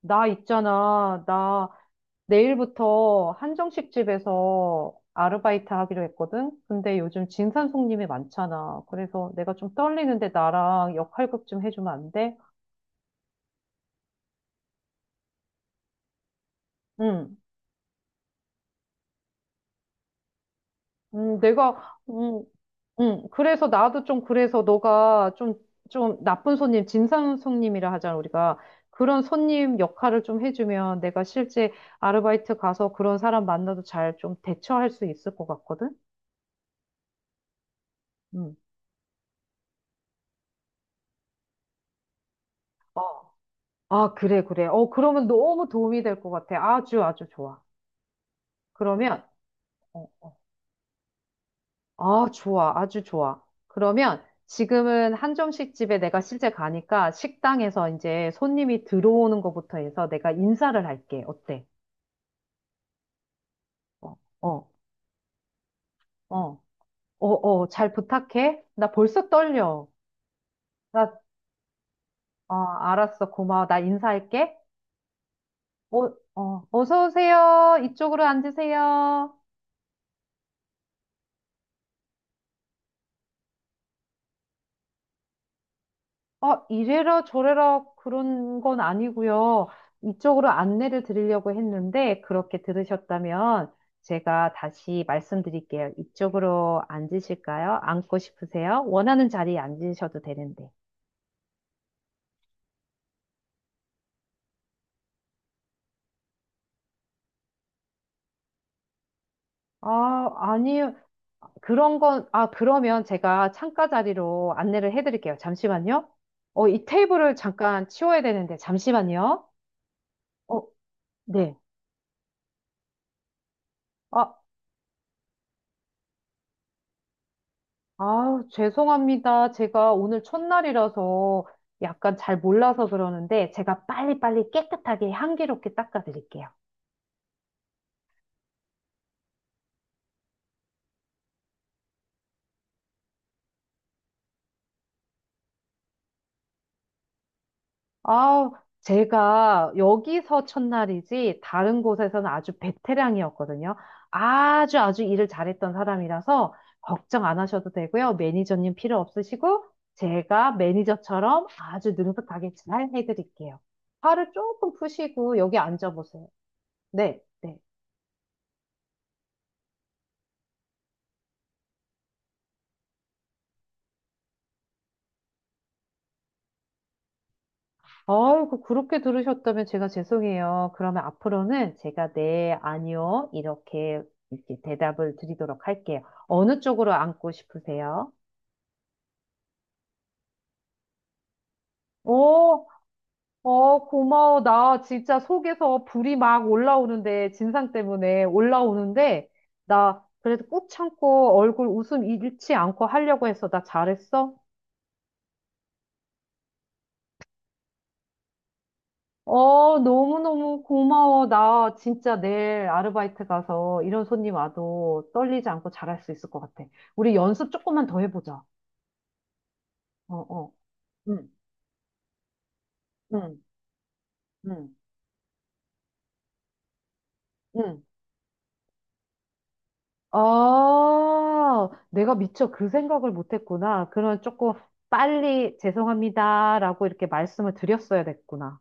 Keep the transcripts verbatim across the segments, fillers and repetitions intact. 나 있잖아. 나 내일부터 한정식 집에서 아르바이트 하기로 했거든. 근데 요즘 진산손님이 많잖아. 그래서 내가 좀 떨리는데 나랑 역할극 좀 해주면 안 돼? 응. 음, 내가 음, 음. 그래서 나도 좀 그래서 너가 좀 좀 나쁜 손님, 진상손님이라 하잖아, 우리가. 그런 손님 역할을 좀 해주면 내가 실제 아르바이트 가서 그런 사람 만나도 잘 좀 대처할 수 있을 것 같거든? 음. 어. 아, 그래, 그래. 어, 그러면 너무 도움이 될 것 같아. 아주, 아주 좋아. 그러면, 어, 어. 아, 좋아. 아주 좋아. 그러면 지금은 한정식 집에 내가 실제 가니까 식당에서 이제 손님이 들어오는 것부터 해서 내가 인사를 할게. 어때? 어, 어, 어, 어, 어, 잘 부탁해. 나 벌써 떨려. 나, 어, 알았어. 고마워. 나 인사할게. 어, 어, 어서 오세요. 이쪽으로 앉으세요. 아, 이래라 저래라 그런 건 아니고요. 이쪽으로 안내를 드리려고 했는데 그렇게 들으셨다면 제가 다시 말씀드릴게요. 이쪽으로 앉으실까요? 앉고 싶으세요? 원하는 자리에 앉으셔도 되는데. 아, 아니요. 그런 건, 아, 그러면 제가 창가 자리로 안내를 해드릴게요. 잠시만요. 어, 이 테이블을 잠깐 치워야 되는데 잠시만요. 어, 네. 아, 아, 죄송합니다. 제가 오늘 첫날이라서 약간 잘 몰라서 그러는데 제가 빨리빨리 깨끗하게 향기롭게 닦아드릴게요. 아, 제가 여기서 첫날이지 다른 곳에서는 아주 베테랑이었거든요. 아주 아주 일을 잘했던 사람이라서 걱정 안 하셔도 되고요. 매니저님 필요 없으시고 제가 매니저처럼 아주 능숙하게 잘 해드릴게요. 팔을 조금 푸시고 여기 앉아보세요. 네, 네. 아이고, 그렇게 들으셨다면 제가 죄송해요. 그러면 앞으로는 제가 네, 아니요, 이렇게, 이렇게 대답을 드리도록 할게요. 어느 쪽으로 앉고 싶으세요? 어, 어, 고마워. 나 진짜 속에서 불이 막 올라오는데, 진상 때문에 올라오는데, 나 그래도 꾹 참고 얼굴 웃음 잃지 않고 하려고 했어. 나 잘했어? 어, 너무너무 고마워. 나 진짜 내일 아르바이트 가서 이런 손님 와도 떨리지 않고 잘할 수 있을 것 같아. 우리 연습 조금만 더 해보자. 어, 어. 응, 응, 응, 응. 아, 내가 미처 그 생각을 못했구나. 그런 조금 빨리 죄송합니다라고 이렇게 말씀을 드렸어야 됐구나.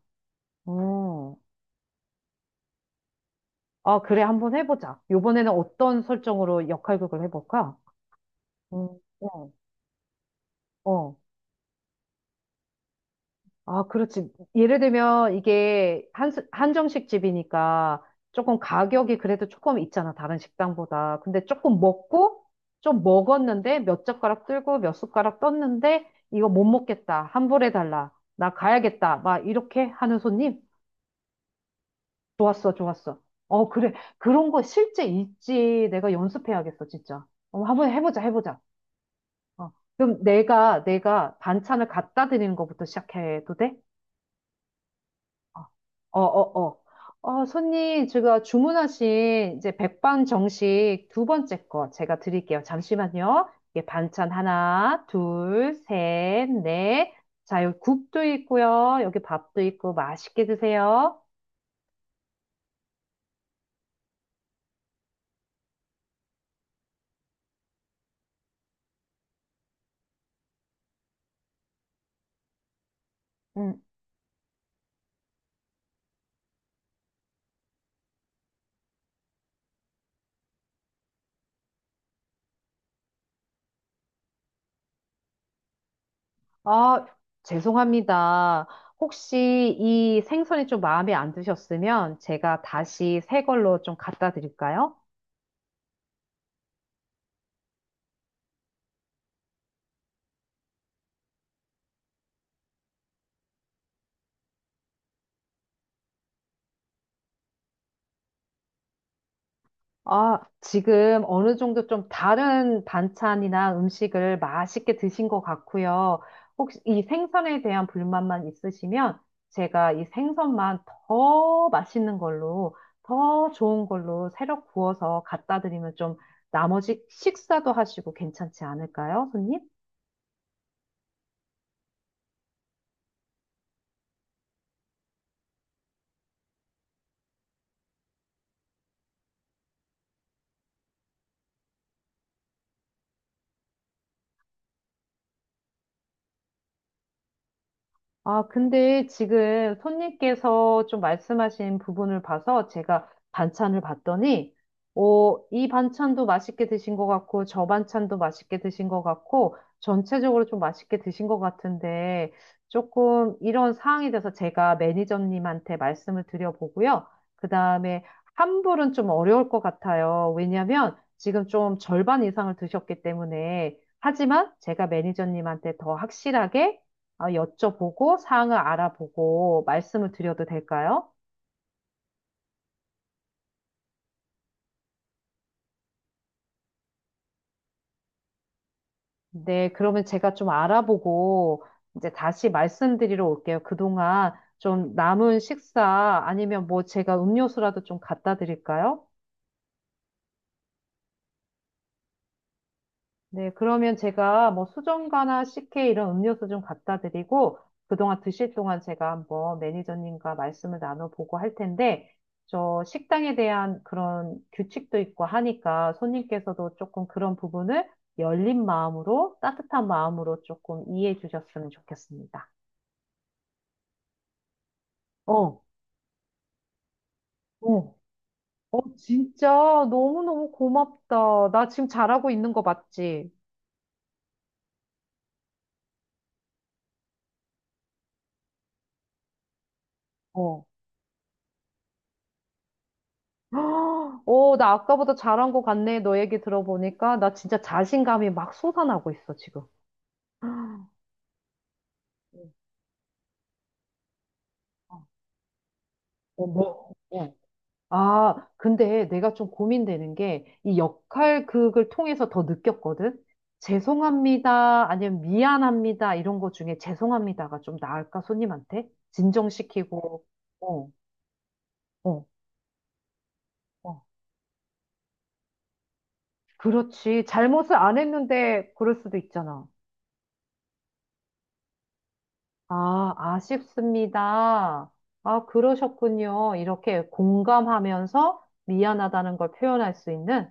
어. 아, 그래. 한번 해보자. 요번에는 어떤 설정으로 역할극을 해볼까? 음, 어, 어. 아, 그렇지. 예를 들면 이게 한, 한정식 집이니까 조금 가격이 그래도 조금 있잖아, 다른 식당보다. 근데 조금 먹고, 좀 먹었는데 몇 젓가락 들고 몇 숟가락 떴는데 이거 못 먹겠다. 환불해 달라. 나 가야겠다. 막 이렇게 하는 손님? 좋았어, 좋았어. 어, 그래. 그런 거 실제 있지. 내가 연습해야겠어, 진짜. 어, 한번 해보자, 해보자. 어. 그럼 내가, 내가 반찬을 갖다 드리는 것부터 시작해도 돼? 어, 어, 어. 어, 손님, 제가 주문하신 이제 백반 정식 두 번째 거 제가 드릴게요. 잠시만요. 이게 반찬 하나, 둘, 셋, 넷. 자, 여기 국도 있고요. 여기 밥도 있고 맛있게 드세요. 음. 아, 죄송합니다. 혹시 이 생선이 좀 마음에 안 드셨으면 제가 다시 새 걸로 좀 갖다 드릴까요? 아, 지금 어느 정도 좀 다른 반찬이나 음식을 맛있게 드신 것 같고요. 혹시 이 생선에 대한 불만만 있으시면 제가 이 생선만 더 맛있는 걸로, 더 좋은 걸로 새로 구워서 갖다 드리면 좀 나머지 식사도 하시고 괜찮지 않을까요, 손님? 아, 근데 지금 손님께서 좀 말씀하신 부분을 봐서 제가 반찬을 봤더니, 어, 이 반찬도 맛있게 드신 것 같고, 저 반찬도 맛있게 드신 것 같고, 전체적으로 좀 맛있게 드신 것 같은데, 조금 이런 상황이 돼서 제가 매니저님한테 말씀을 드려보고요. 그 다음에 환불은 좀 어려울 것 같아요. 왜냐면 지금 좀 절반 이상을 드셨기 때문에, 하지만 제가 매니저님한테 더 확실하게 아, 여쭤보고 사항을 알아보고 말씀을 드려도 될까요? 네, 그러면 제가 좀 알아보고 이제 다시 말씀드리러 올게요. 그동안 좀 남은 식사 아니면 뭐 제가 음료수라도 좀 갖다 드릴까요? 네, 그러면 제가 뭐 수정과나 씨케이 이런 음료수 좀 갖다 드리고 그동안 드실 동안 제가 한번 매니저님과 말씀을 나눠보고 할 텐데 저 식당에 대한 그런 규칙도 있고 하니까 손님께서도 조금 그런 부분을 열린 마음으로 따뜻한 마음으로 조금 이해해 주셨으면 좋겠습니다. 어, 어, 진짜 너무너무 고맙다. 나 지금 잘하고 있는 거 맞지? 어. 헉, 오, 나 아까보다 잘한 것 같네. 너 얘기 들어보니까. 나 진짜 자신감이 막 솟아나고 있어, 지금. 헉, 어, 뭐, 어. 아, 근데 내가 좀 고민되는 게, 이 역할극을 통해서 더 느꼈거든? 죄송합니다, 아니면 미안합니다, 이런 거 중에 죄송합니다가 좀 나을까, 손님한테? 진정시키고, 어, 어, 어. 그렇지. 잘못을 안 했는데, 그럴 수도 있잖아. 아, 아쉽습니다. 아, 그러셨군요. 이렇게 공감하면서 미안하다는 걸 표현할 수 있는,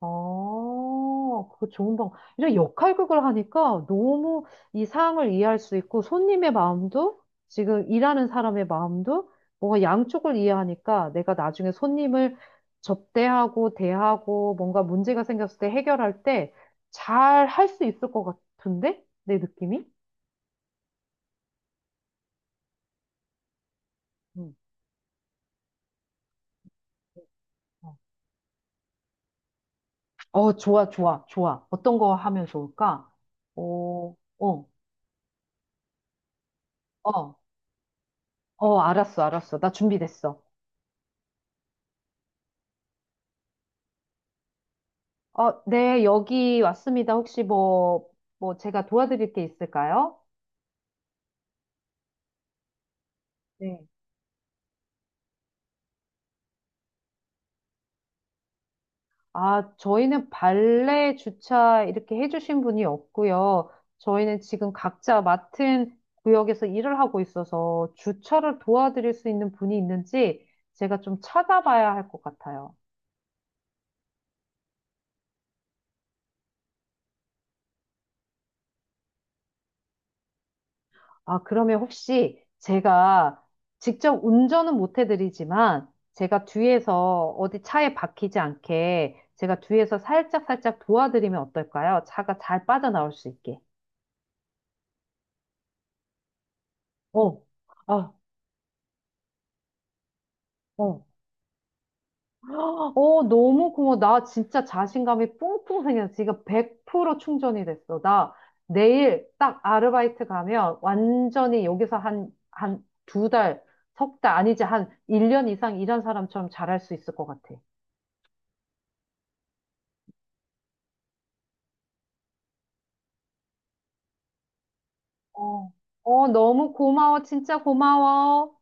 어, 그거 좋은 방법. 이런 역할극을 하니까 너무 이 상황을 이해할 수 있고, 손님의 마음도, 지금 일하는 사람의 마음도, 뭔가 양쪽을 이해하니까 내가 나중에 손님을 접대하고, 대하고, 뭔가 문제가 생겼을 때 해결할 때 잘 할 수 있을 것 같은데? 내 느낌이? 음. 어, 좋아, 좋아, 좋아. 어떤 거 하면 좋을까? 어, 어, 어, 어, 알았어, 알았어. 나 준비됐어. 어, 네, 여기 왔습니다. 혹시 뭐, 뭐, 제가 도와드릴 게 있을까요? 네. 아, 저희는 발레 주차 이렇게 해주신 분이 없고요. 저희는 지금 각자 맡은 구역에서 일을 하고 있어서 주차를 도와드릴 수 있는 분이 있는지 제가 좀 찾아봐야 할 것 같아요. 아, 그러면 혹시 제가 직접 운전은 못 해드리지만 제가 뒤에서 어디 차에 박히지 않게 제가 뒤에서 살짝살짝 도와드리면 어떨까요? 차가 잘 빠져나올 수 있게. 어, 아, 어. 어, 너무 고마워. 나 진짜 자신감이 뿡뿡 생겼어. 지금 백 퍼센트 충전이 됐어. 나 내일 딱 아르바이트 가면 완전히 여기서 한, 한 두 달, 석 달, 아니지, 한 일 년 이상 일한 사람처럼 잘할 수 있을 것 같아. 어, 어, 너무 고마워. 진짜 고마워.